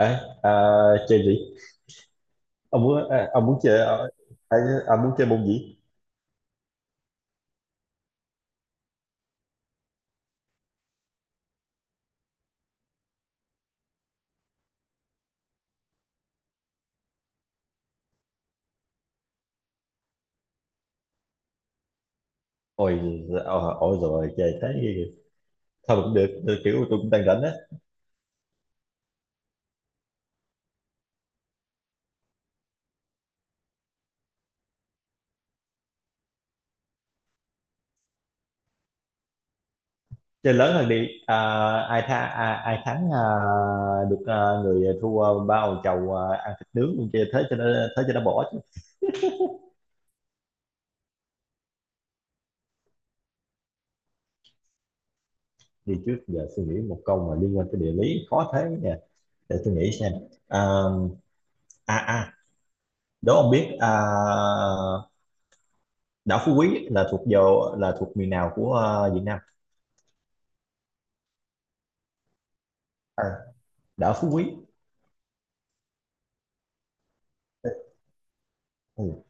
Ê, à, chơi gì? Ông muốn à, ông muốn chơi à, à, ông muốn chơi môn gì? Ôi, ờ, ôi rồi chơi tới thôi cũng được, được, kiểu tôi cũng đang rảnh á. Chơi lớn hơn đi. À, ai thắng được người thua bao chầu ăn thịt nướng luôn chơi thế cho nó bỏ chứ. Đi trước giờ suy nghĩ một câu mà liên quan tới địa lý khó thế nè. Để tôi nghĩ xem. À, à, đố ông biết đảo Phú Quý là thuộc miền nào của Việt Nam? Đảo Phú Quý. Ừ. Ừ.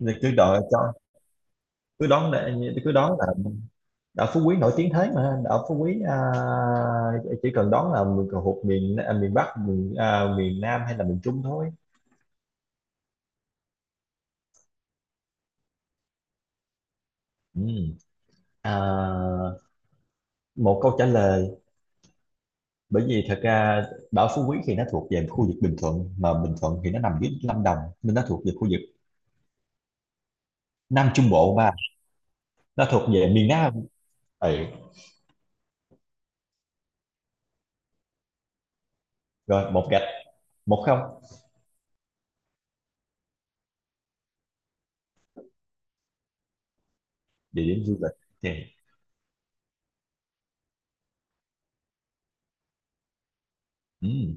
Thì cứ đợi cho cứ đón để, cứ đón là đảo Phú Quý nổi tiếng thế mà đảo Phú Quý, chỉ cần đón là mình thuộc miền, Bắc, miền Nam hay là miền Trung thôi. Ừ. à, một câu trả lời, bởi vì thật ra đảo Phú Quý thì nó thuộc về khu vực Bình Thuận, mà Bình Thuận thì nó nằm dưới Lâm Đồng, nên nó thuộc về khu vực Nam Trung Bộ, mà nó thuộc về miền Nam. Ừ. Rồi, một gạch, một không. Địa điểm du lịch thì ừ.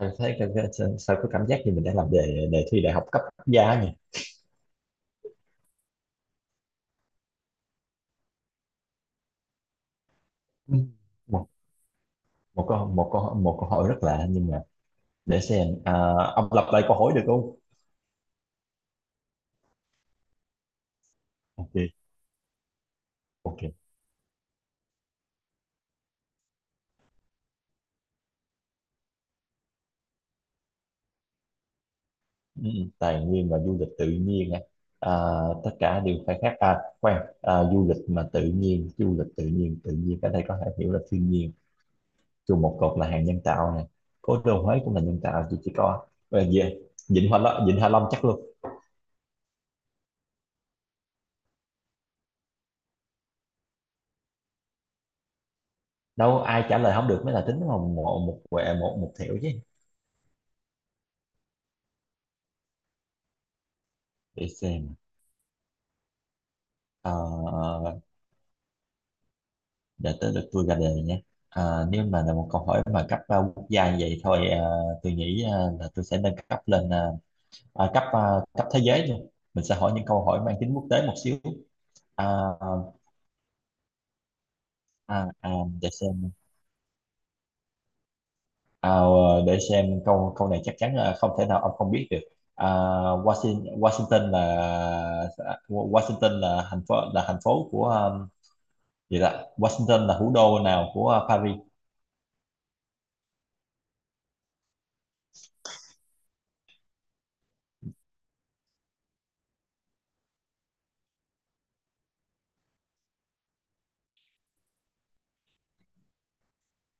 Anh thấy sao sao có cảm giác như mình đã làm đề đề thi đại học cấp quốc gia nhỉ? Ừ. Một một câu một câu hỏi rất lạ, nhưng mà để xem, ông lặp lại câu hỏi được không? Ok. Ok. Ừ, ừ. Tài nguyên và du lịch tự nhiên á. à, tất cả đều khai thác du lịch mà tự nhiên, du lịch tự nhiên, tự nhiên ở đây có thể hiểu là thiên nhiên. Chung một cột là hàng nhân tạo này, cố đô Huế cũng là nhân tạo, chỉ có về Vịnh Hạ Long. Vịnh Hạ Long chắc luôn. Đâu ai trả lời không được mới là tính một một một quẹ một, một thẻo chứ. Để xem. Ờ, để tới lượt tôi ra đề nhé. Ờ, nếu mà là một câu hỏi mà cấp quốc gia như vậy thôi, tôi nghĩ là tôi sẽ nâng cấp lên, cấp, cấp thế giới luôn. Mình sẽ hỏi những câu hỏi mang tính quốc tế một xíu. à, à, à, để xem. À, để xem câu câu này chắc chắn là không thể nào ông không biết được. À, Washington là, Washington là thành phố của, gì đó. Washington là thủ đô nào của, Paris?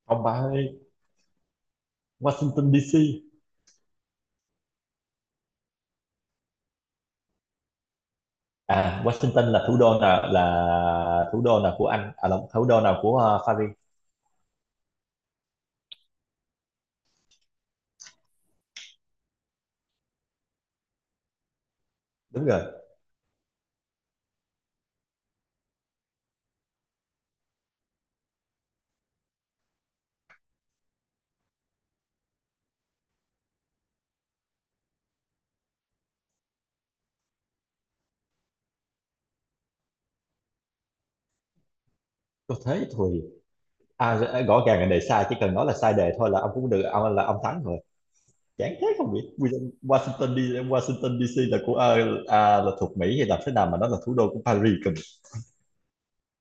Ông ba ơi, Washington DC. Washington là thủ đô nào, của Anh, à là thủ đô nào của, Paris? Đúng rồi. Có thế thôi. À, rõ ràng là đề sai, chỉ cần nói là sai đề thôi là ông cũng được, ông thắng rồi. Chán thế không biết. Washington Washington đi Washington DC là của, là thuộc Mỹ hay làm thế nào mà nó là thủ đô của Paris cần.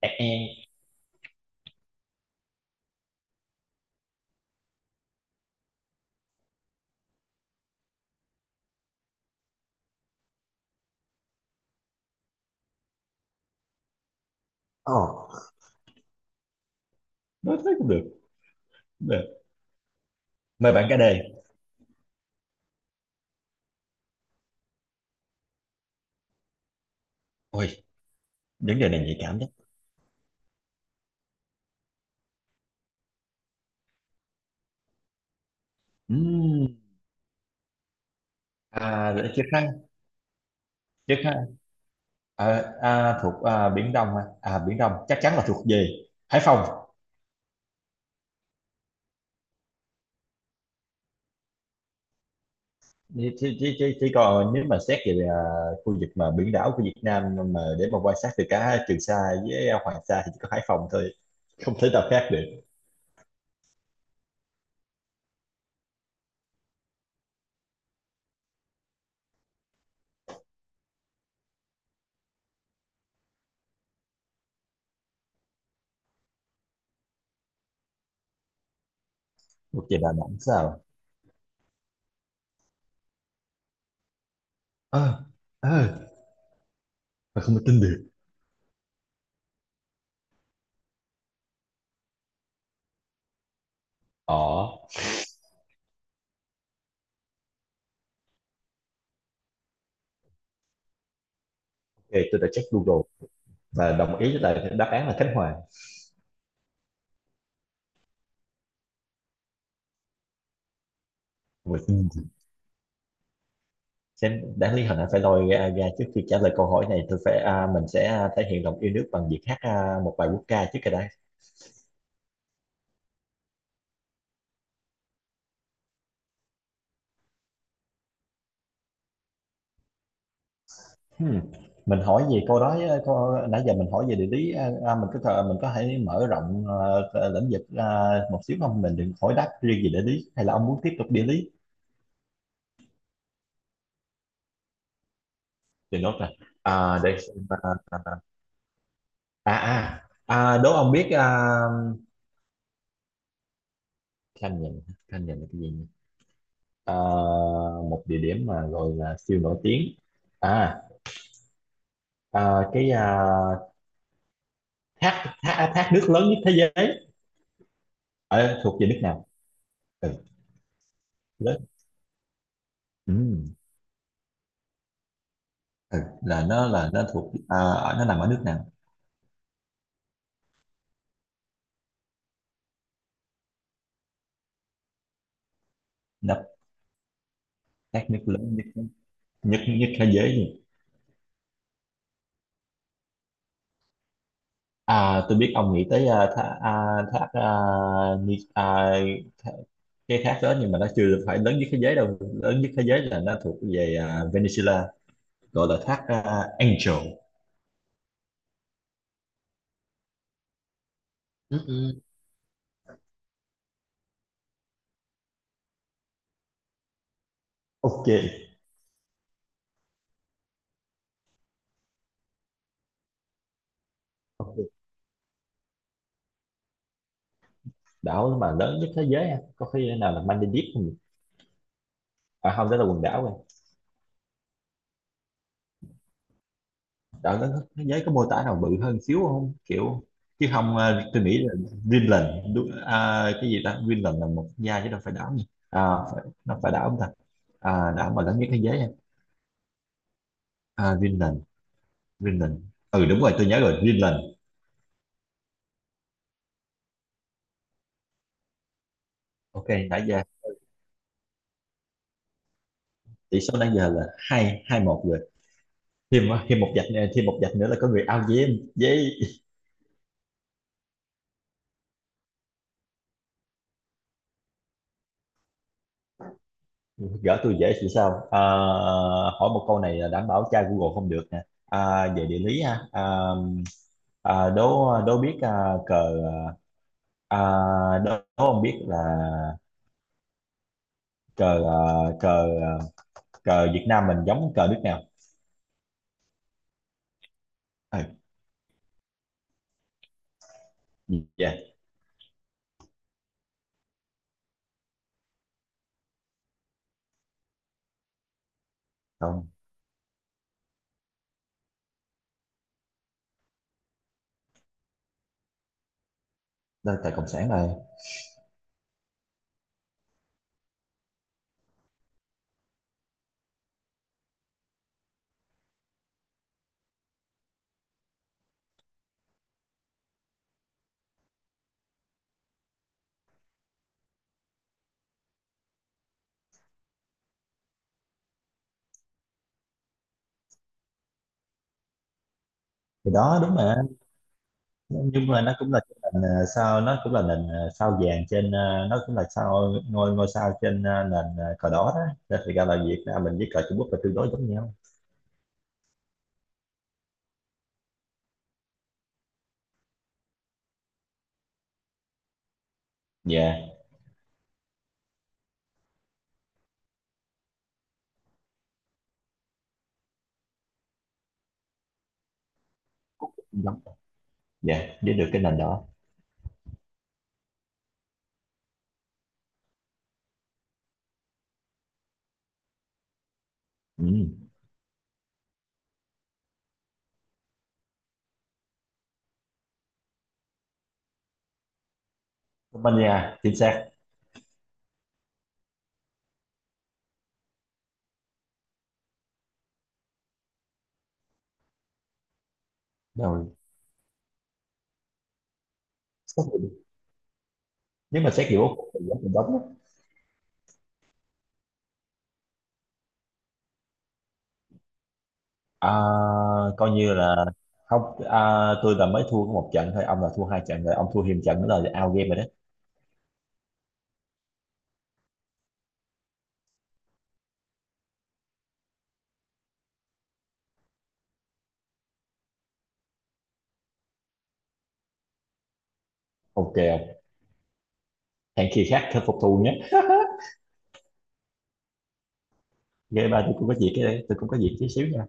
E e. Ờ, nói thế cũng được. Mời bạn cái đề. Ôi, những đề này nhạy cảm đấy. Ừm, à để chiếc khăn, chiếc khăn. Ờ, thuộc, Biển Đông hả? À, Biển Đông chắc chắn là thuộc về Hải Phòng. Chỉ còn nếu mà xét về, khu vực mà biển đảo của Việt Nam, mà để mà quan sát từ cả Trường Sa với, Hoàng Sa, thì chỉ có Hải Phòng thôi, không thể nào khác được. Thuộc về Đà Nẵng sao? Ờ, ok. Tôi đã check Google và đồng ý với lại đáp án là Khánh Hòa. Ui, xem đáng lý hồi nãy phải lôi ra, ra trước khi trả lời câu hỏi này tôi phải, mình sẽ, thể hiện lòng yêu nước bằng việc hát, một bài quốc ca trước cái đã. Ừm, Mình hỏi về câu đó á, câu, nãy giờ mình hỏi về địa lý, mình có thể mở rộng, lĩnh vực, một xíu không, mình đừng hỏi đáp riêng về địa lý, hay là ông muốn tiếp tục địa lý thì nốt là, à, để xem, à, à, à, à, à, đố ông biết, Khanh nhìn, Khanh nhìn là cái gì nhỉ? À, một địa điểm mà gọi là siêu nổi tiếng, à, à cái à, thác, thác thác nước lớn nhất thế giới. Ờ, thuộc về nước nào? Ừ, lớn. Ừ. Ừ, là nó thuộc, ở- nó nằm ở nước nào? Nó, các nước lớn nhất, nhất thế giới gì? À, tôi biết ông nghĩ tới, thác à, Ni- thác- cái thác đó, nhưng mà nó chưa phải lớn nhất thế giới đâu, lớn nhất thế giới là nó thuộc về, Venezuela, gọi là thác, Angel. Ừ, ừ. Ok. Ok. Đảo mà lớn nhất thế giới ha, có khi nào là Maldives không nhỉ? À không, đó là quần đảo. Đảo đó có- thế giới có mô tả nào bự hơn xíu không, kiểu chứ không, tôi nghĩ là Greenland. Đúng, à, cái gì ta, Greenland là một quốc gia chứ đâu phải đảo nhỉ, à phải, nó phải đảo không ta? À, đảo mà lớn nhất thế giới nha. À, Greenland. Greenland. Ừ đúng rồi, tôi nhớ rồi, Greenland. Ok, nãy giờ tỷ số nãy giờ là 2-2-1 rồi. Thêm thêm một vạch nữa- thêm một vạch nữa là có người out với em với. Gỡ tôi dễ thì sao, hỏi một câu này là đảm bảo tra Google không được nè, về địa lý ha, đố đố biết, à, cờ à, đố đố không biết là, cờ à, cờ à, cờ Việt Nam mình giống cờ nước nào? à, dạ không, đó là cờ cộng sản rồi. Thì đó đúng mà, nhưng mà nó cũng là cái nền, sao, nó cũng là nền, sao vàng trên, nó cũng là sao ngôi ngôi sao trên, nền, cờ đỏ đó. Nên thì ra là Việt Nam mình với cờ Trung Quốc là tương đối giống nhau. Dạ đúng. Dạ, biết được cái nền đó. Ừ. Tây Ban Nha chính xác rồi. Xét nghiệm- nếu mà xét hiểu thì giá thành đóng á. à, coi như là không, tôi là mới thua có một trận thôi, ông là thua hai trận rồi, ông thua thêm trận nữa là out game rồi đó. Ok ông, hẹn khi khác khắc phục thù nhé. Game ba tôi cũng có việc, tôi cũng có việc tí xíu nha.